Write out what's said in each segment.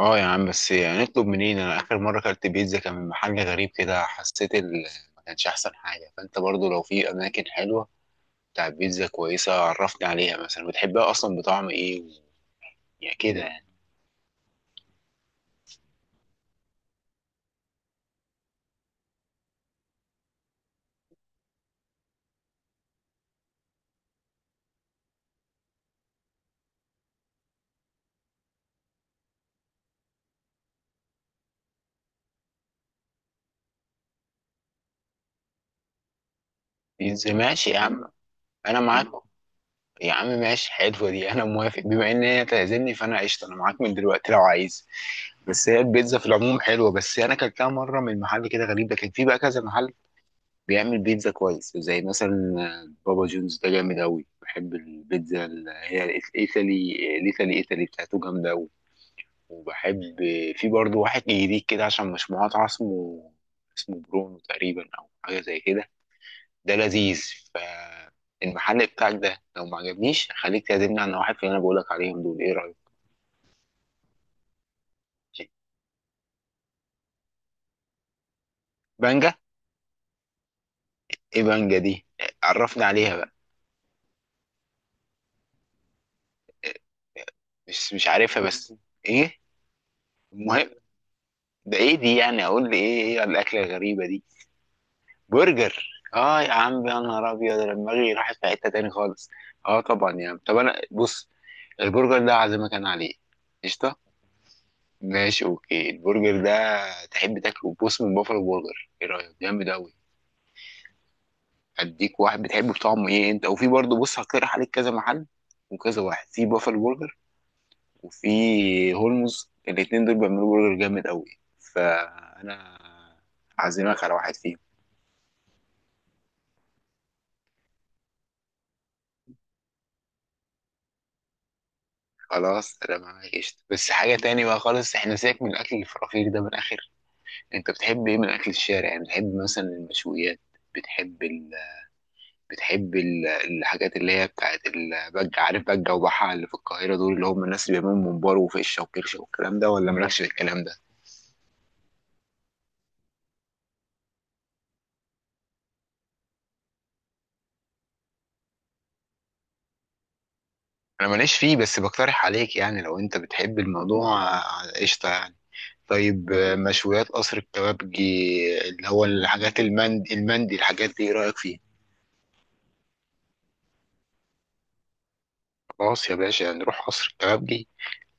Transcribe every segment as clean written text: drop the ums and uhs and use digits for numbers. اه يا عم، بس يعني نطلب منين؟ انا اخر مره اكلت بيتزا كان من محل غريب كده، حسيت ما كانش احسن حاجه. فانت برضو لو في اماكن حلوه بتاع بيتزا كويسه، عرفني عليها. مثلا بتحبها اصلا بطعم ايه يعني كده يعني. بيتزا ماشي يا عم. انا معاك يا عم، ماشي، حلوه دي، انا موافق. بما ان هي تعزمني فانا قشطه، انا معاك من دلوقتي لو عايز. بس هي البيتزا في العموم حلوه، بس انا اكلتها مره من محل كده غريب. ده كان في بقى كذا محل بيعمل بيتزا كويس، زي مثلا بابا جونز. ده جامد أوي، بحب البيتزا اللي هي الإيطالي، الإيطالي إيطالي بتاعته جامدة أوي. وبحب في برضه واحد جديد كده، عشان مش مقاطعة، اسمه برونو تقريبا أو حاجة زي كده. ده لذيذ. فالمحل بتاعك ده لو ما عجبنيش، خليك تعزمني عن واحد في اللي أنا بقولك عليهم دول. إيه رأيك؟ بانجا. إيه بانجا دي؟ عرفني عليها بقى. مش عارفها بس. إيه؟ المهم، ده إيه دي؟ يعني أقول لي إيه، إيه الأكلة الغريبة دي؟ برجر. اه يا عم، يا نهار ابيض، أنا دماغي راحت في حته تاني خالص. اه طبعا يا عم. طب انا بص، البرجر ده عازمك انا عليه. قشطه. ماشي، اوكي، البرجر ده تحب تاكله، بص، من بافلو برجر. ايه رايك؟ جامد قوي. اديك واحد بتحبه بطعمه ايه انت، وفي برضه بص، هقترح عليك كذا محل وكذا واحد في بافلو برجر وفي هولمز، الاتنين دول بيعملوا برجر جامد قوي. فانا عازمك على واحد فيهم. خلاص انا معاك قشطة. بس حاجة تاني بقى خالص، احنا سيبك من الاكل الفرافير ده. من الاخر، انت بتحب ايه من اكل الشارع؟ يعني بتحب مثلا المشويات؟ بتحب ال... الحاجات اللي هي بتاعت البجة، عارف بجة وبحة اللي في القاهرة، دول اللي هم الناس اللي بيعملوا ممبار وفشة وكرشة والكلام ده، ولا مالكش في الكلام ده؟ انا ماليش فيه، بس بقترح عليك. يعني لو انت بتحب الموضوع قشطة يعني. طيب مشويات قصر الكبابجي، اللي هو الحاجات المندي، المندي، الحاجات دي ايه رأيك فيها؟ خلاص يا باشا، نروح قصر الكبابجي.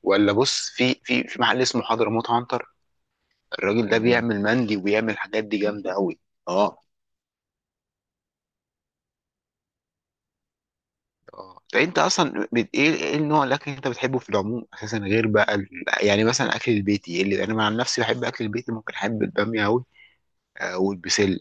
ولا بص، في محل اسمه حضرموت عنتر. الراجل ده بيعمل مندي وبيعمل الحاجات دي جامده قوي. اه اه. طيب انت اصلا ايه النوع الاكل اللي انت بتحبه في العموم اساسا، غير بقى يعني مثلا اكل البيتي، اللي انا عن نفسي بحب اكل البيتي. ممكن احب الباميه قوي والبسله.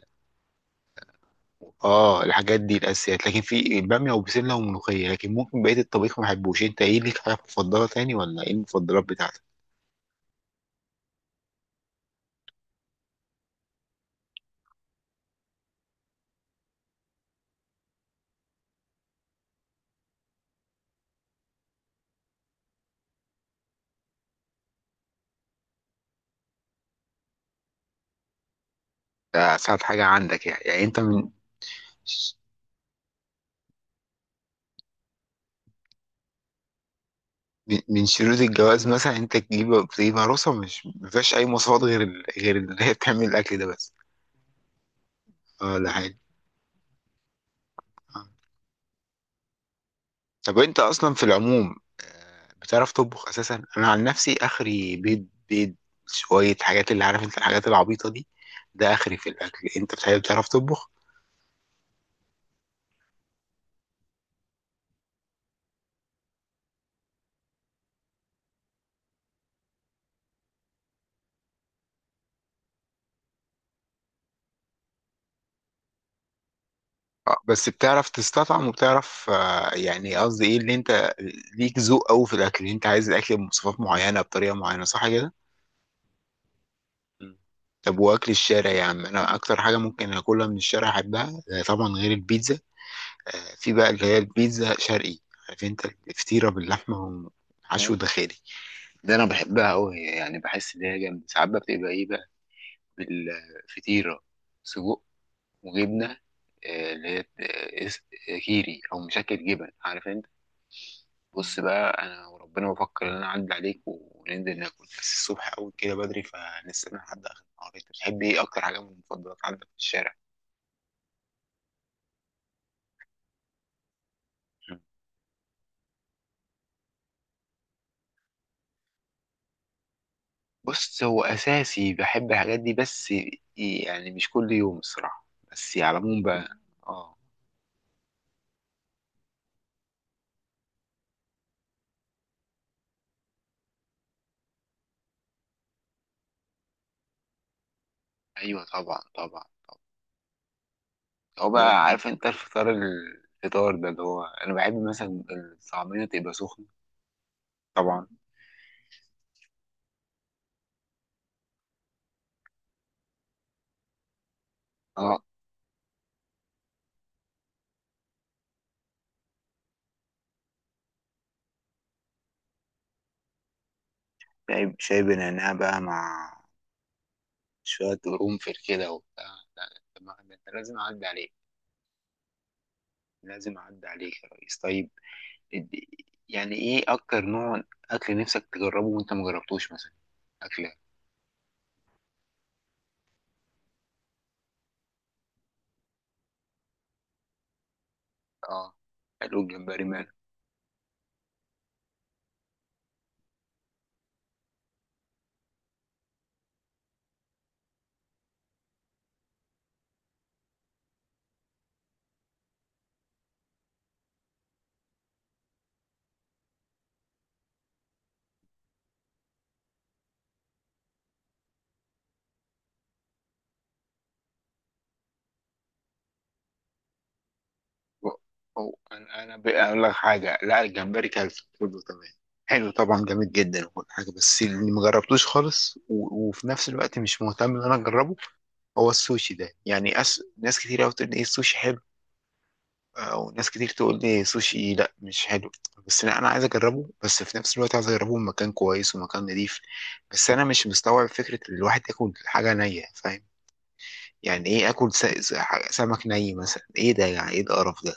اه الحاجات دي الاساسيات، لكن في الباميه وبسله وملوخيه، لكن ممكن بقيه الطبيخ ما بحبوش. انت ايه ليك حاجه مفضله تاني؟ ولا ايه المفضلات بتاعتك؟ ده اسهل حاجه عندك يعني، يعني انت من شروط الجواز مثلا انت تجيب عروسه مش مفيهاش اي مواصفات غير غير اللي هي بتعمل الاكل ده بس. اه ده حاجه. آه. طب انت اصلا في العموم بتعرف تطبخ اساسا؟ انا عن نفسي اخري بيض بيض، شويه حاجات اللي عارف انت، الحاجات العبيطه دي، ده اخري في الاكل. انت بتحب بتعرف تطبخ؟ بس بتعرف تستطعم وبتعرف يعني، قصدي ايه، اللي انت ليك ذوق قوي في الاكل، اللي انت عايز الاكل بمواصفات معينه بطريقه معينه، صح كده؟ مم. طب واكل الشارع يا عم، انا اكتر حاجه ممكن اكلها من الشارع احبها طبعا غير البيتزا. في بقى اللي هي البيتزا شرقي، عارف انت الفطيره باللحمه وحشو اه داخلي، ده انا بحبها قوي. يعني بحس ان هي جامده. ساعات بقى بتبقى ايه بقى؟ بالفطيره سجق وجبنه، اللي هي كيري او مشكل جبن، عارف انت. بص بقى، انا وربنا بفكر ان انا اعدي عليك وننزل ناكل، بس الصبح قوي كده بدري، فنستنى لحد اخر النهار. انت بتحب ايه اكتر حاجه من المفضلات عندك في الشارع؟ مم. بص هو اساسي بحب الحاجات دي، بس يعني مش كل يوم الصراحه، بس على العموم بقى. اه ايوه طبعا طبعا. هو بقى عارف انت الفطار، الفطار ده اللي هو انا بحب مثلا الطعميه تبقى سخنه. طبعا. اه. شاي شاي بنعناع بقى مع شوية قرنفل كده وبتاع. لا لا، طب ما ده أنت لازم أعدي عليك. لازم أعدي عليك يا ريس. طيب إد- يعني إيه أكتر نوع أكل نفسك تجربه وأنت مجربتوش مثلا؟ أكلة آه قالوا الجمبري ماله؟ و- أو أنا بقى أقول لك حاجة، لا الجمبري كلته، كله تمام، حلو طبعا، جامد جدا وكل حاجة. بس اللي مجربتوش خالص وفي نفس الوقت مش مهتم إن أنا أجربه، هو السوشي ده. يعني ناس كتير أوي بتقول إيه السوشي حلو، وناس كتير تقول لي سوشي لا مش حلو. بس لا انا عايز اجربه، بس في نفس الوقت عايز اجربه في مكان كويس ومكان نضيف. بس انا مش مستوعب فكره ان الواحد ياكل حاجه نيه، فاهم؟ يعني ايه اكل سمك ني مثلا؟ ايه ده يعني؟ ايه القرف ده؟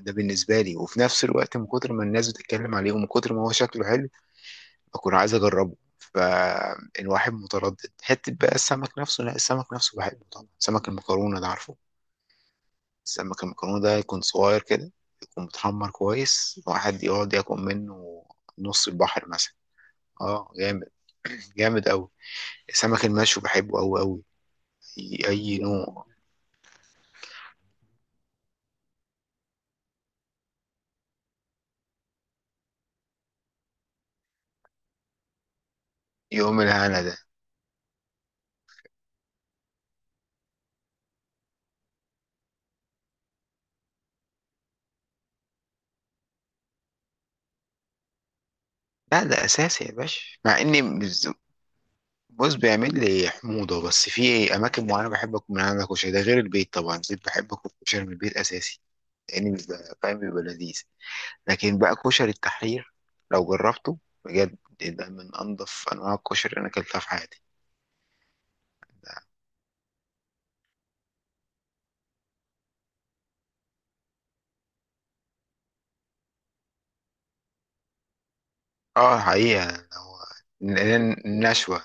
ده بالنسبه لي. وفي نفس الوقت من كتر ما الناس بتتكلم عليه ومن كتر ما هو شكله حلو، بكون عايز اجربه، فالواحد متردد. حته بقى السمك نفسه، لا السمك نفسه بحبه طبعا. سمك المكرونه ده عارفه، سمك المكرونة ده يكون صغير كده، يكون متحمر كويس، واحد يقعد ياكل منه نص البحر مثلا. اه جامد. جامد أوي. السمك المشوي بحبه أوي أوي. أي نوع. يوم الهنا ده. لا ده أساسي يا باشا، مع إني بص، بيعمل لي حموضة، بس في أماكن معينة بحب أكل من عندك كشري. ده غير البيت طبعا، البيت بحب أكل كشري من البيت أساسي، لأني بيبقى فاهم، بيبقى لذيذ. لكن بقى كشري التحرير، لو جربته، بجد ده من انضف انواع الكشري اللي انا اكلتها في حياتي. اه حقيقة هو ن- ن- نشوة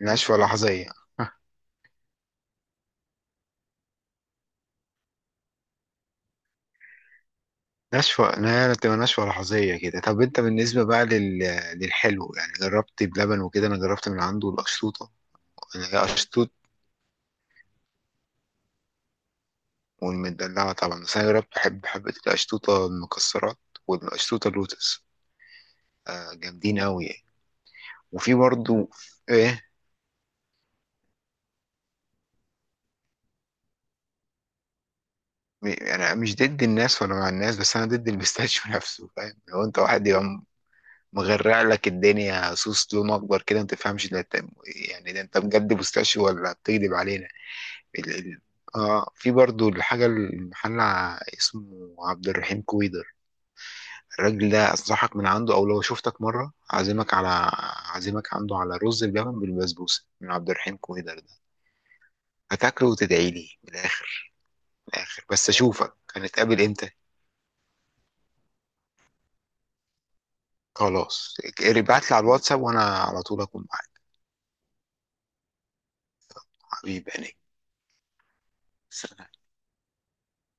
نشوة لحظية. نشوة، لا بتبقى نشوة لحظية كده. طب انت بالنسبة بقى للحلو، يعني جربت بلبن وكده. انا جربت من عنده القشطوطة. انا هي قشطوط. والمدلعة طبعا. بس انا جربت بحب حبة القشطوطة المكسرات والقشطوطة اللوتس. جامدين قوي يعني. وفي برضو ايه. انا مش ضد الناس ولا مع الناس، بس انا ضد البيستاشيو نفسه، فاهم؟ لو انت واحد يبقى مغرع لك الدنيا صوص لون اكبر كده ما تفهمش، ده انت يعني. ده انت بجد بيستاشيو ولا بتكذب علينا؟ ال... ال... اه في برضو الحاجه، المحل اسمه عبد الرحيم كويدر. الراجل ده انصحك من عنده، او لو شفتك مره عازمك عنده على رز بلبن بالبسبوسه من عبد الرحيم كويدر ده. هتاكله وتدعي لي من الاخر. من الاخر، بس اشوفك هنتقابل امتى؟ خلاص ابعت لي على الواتساب وانا على طول اكون معاك. حبيبي يعني.